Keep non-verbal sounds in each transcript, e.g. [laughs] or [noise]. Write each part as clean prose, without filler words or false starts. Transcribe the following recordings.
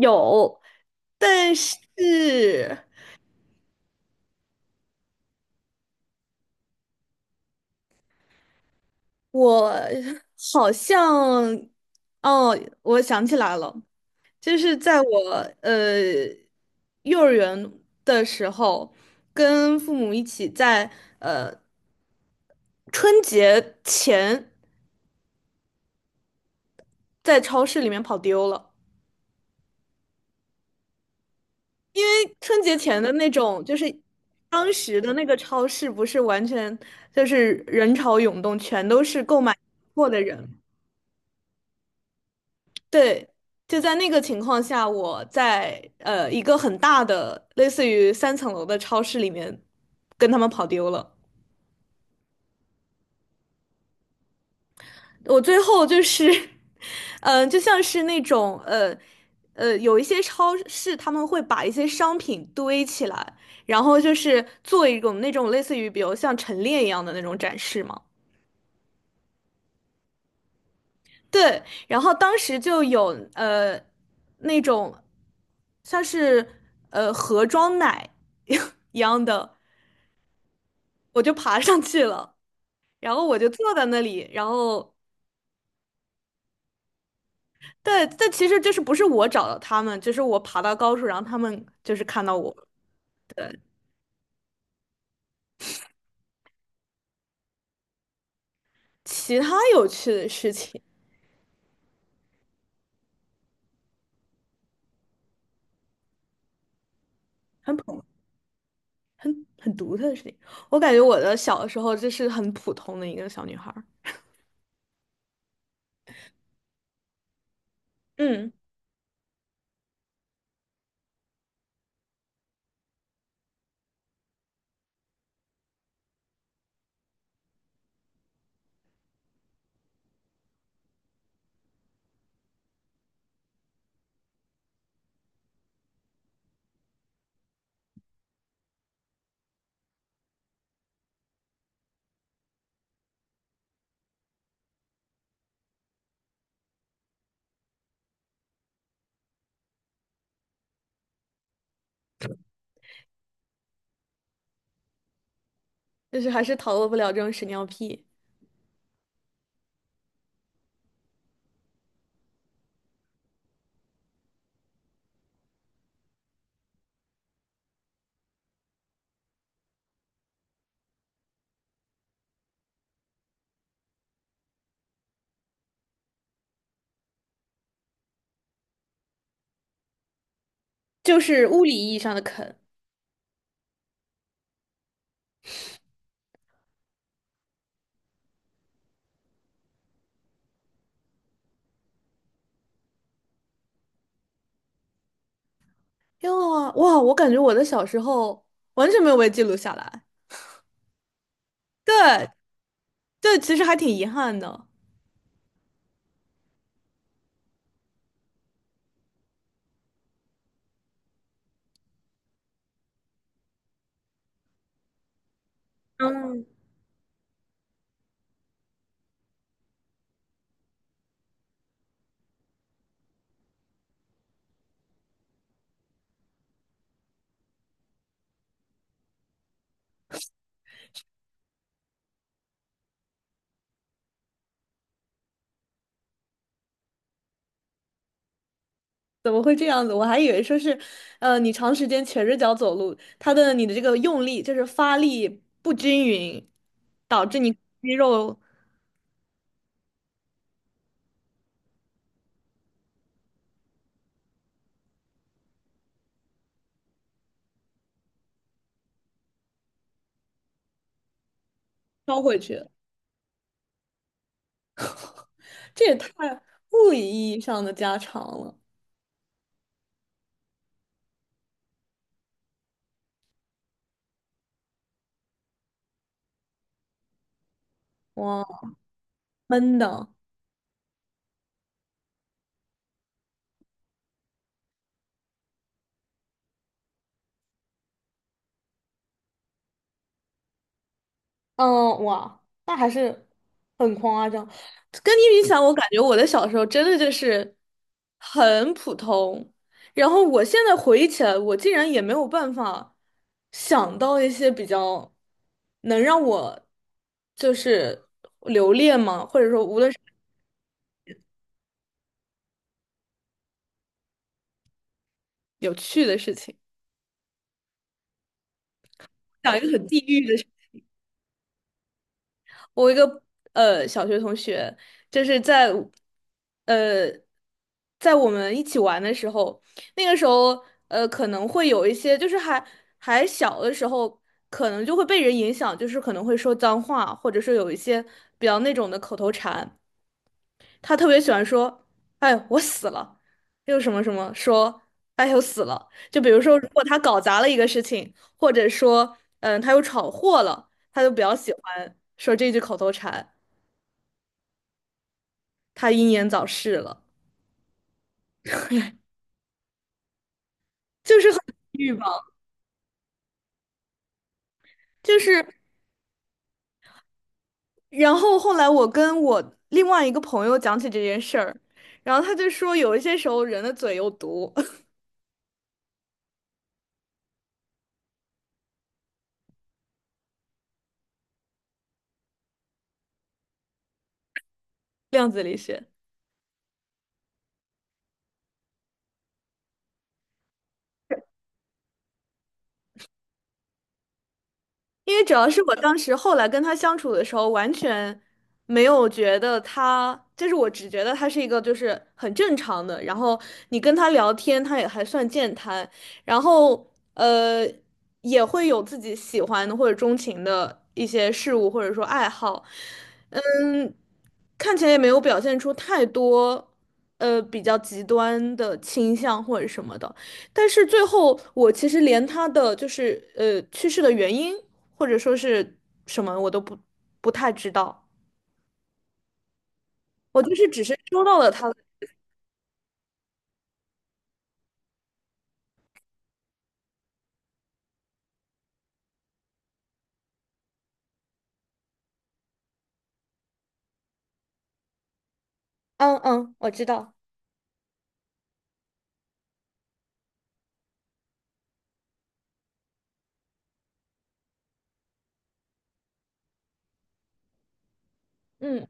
有，但是我好像，哦，我想起来了，就是在我呃幼儿园的时候，跟父母一起在呃春节前在超市里面跑丢了，因为春节前的那种就是当时的那个超市不是完全就是人潮涌动，全都是购买货的人。对，就在那个情况下，我在一个很大的类似于三层楼的超市里面跟他们跑丢了。我最后就是，[laughs] 嗯、就像是那种有一些超市他们会把一些商品堆起来，然后就是做一种那种类似于比如像陈列一样的那种展示嘛。对，然后当时就有那种像是盒装奶 [laughs] 一样的。我就爬上去了，然后我就坐在那里，然后对，但其实就是不是我找到他们，就是我爬到高处，然后他们就是看到我。其他有趣的事情，很普很很独特的事情，我感觉我的小时候就是很普通的一个小女孩儿，嗯，就是还是逃脱不了这种屎尿屁，就是物理意义上的啃。因为哇，我感觉我的小时候完全没有被记录下来，对这其实还挺遗憾的。嗯。怎么会这样子？我还以为说是，你长时间瘸着脚走路，它的你的这个用力就是发力不均匀，导致你肌肉收回去，这也太物理意义上的加长了，哇，闷的。嗯，哇，那还是很夸张。跟你比起来，我感觉我的小时候真的就是很普通。然后我现在回忆起来，我竟然也没有办法想到一些比较能让我就是留恋嘛，或者说无论是有趣的事情，讲一个很地狱的。事我一个小学同学，就是在呃在我们一起玩的时候，那个时候可能会有一些，就是还小的时候，可能就会被人影响，就是可能会说脏话，或者说有一些比较那种的口头禅。他特别喜欢说：“哎，我死了”，又什么什么说。哎呦死了！就比如说，如果他搞砸了一个事情，或者说，嗯，他又闯祸了，他就比较喜欢说这句口头禅。他英年早逝了，就是很抑郁吧，就是，然后后来我跟我另外一个朋友讲起这件事儿，然后他就说有一些时候人的嘴有毒，[laughs] 量子力学。因为主要是我当时后来跟他相处的时候，完全没有觉得他，就是我只觉得他是一个就是很正常的，然后你跟他聊天，他也还算健谈，然后呃也会有自己喜欢的或者钟情的一些事物或者说爱好，嗯，看起来也没有表现出太多比较极端的倾向或者什么的。但是最后，我其实连他的就是去世的原因或者说是什么，我都不太知道。我就是只是收到了他的嗯嗯，我知道，嗯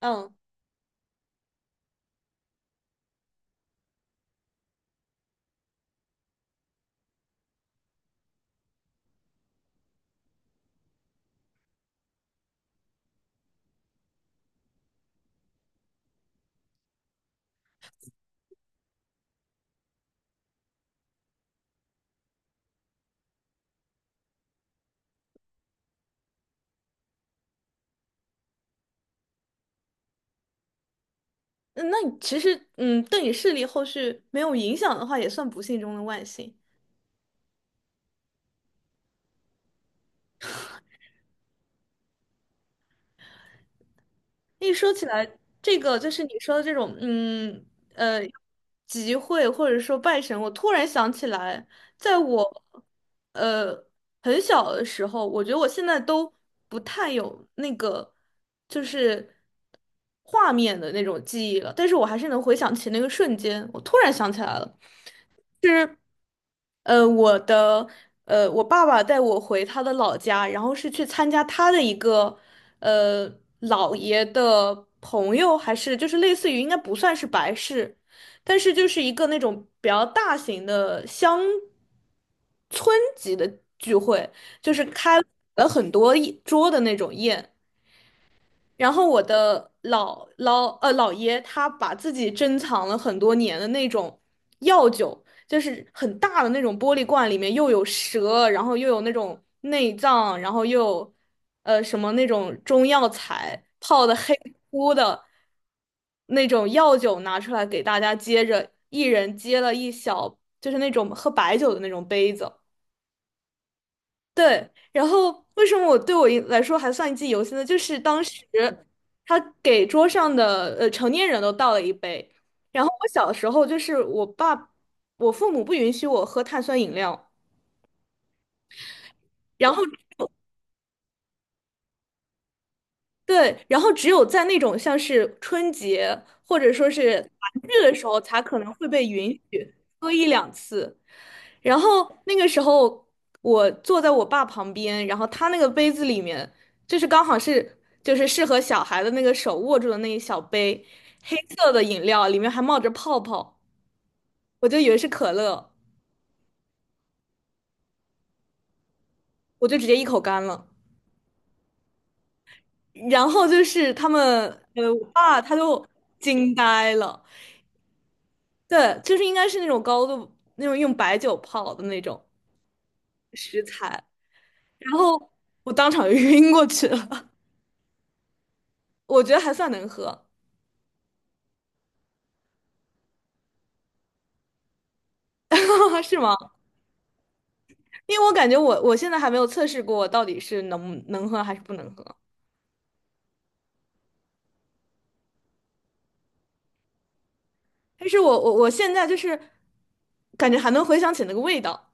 嗯，嗯那你其实嗯，对你视力后续没有影响的话，也算不幸中的万幸。一说起来，这个就是你说的这种，嗯，呃，集会或者说拜神，我突然想起来，在我，呃，很小的时候，我觉得我现在都不太有那个，就是画面的那种记忆了，但是我还是能回想起那个瞬间，我突然想起来了。是我的我爸爸带我回他的老家，然后是去参加他的一个呃姥爷的朋友，还是就是类似于应该不算是白事，但是就是一个那种比较大型的乡村级的聚会，就是开了很多一桌的那种宴。然后我的老老呃姥爷他把自己珍藏了很多年的那种药酒，就是很大的那种玻璃罐，里面又有蛇，然后又有那种内脏，然后又有什么那种中药材泡的黑乎乎的那种药酒拿出来给大家接着，一人接了一小，就是那种喝白酒的那种杯子。对，然后为什么我对我一来说还算一记忆犹新呢？就是当时他给桌上的成年人都倒了一杯，然后我小时候就是我爸，我父母不允许我喝碳酸饮料，然后对，然后只有在那种像是春节或者说是团聚的时候，才可能会被允许喝一两次。然后那个时候，我坐在我爸旁边，然后他那个杯子里面，就是刚好是就是适合小孩的那个手握住的那一小杯黑色的饮料，里面还冒着泡泡，我就以为是可乐，我就直接一口干了。然后就是他们，我爸他就惊呆了。对，就是应该是那种高度，那种用白酒泡的那种食材，然后我当场就 [laughs] 晕过去了，我觉得还算能喝，[laughs] 是吗？因为我感觉我现在还没有测试过我到底是能喝还是不能喝，但是我现在就是感觉还能回想起那个味道。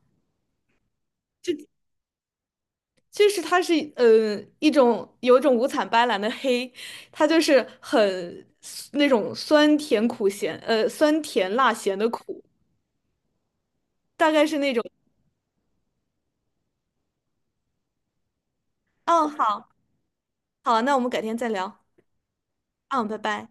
就是它是一种有一种五彩斑斓的黑，它就是很那种酸甜苦咸，酸甜辣咸的苦，大概是那种。嗯好。好，那我们改天再聊。嗯，拜拜。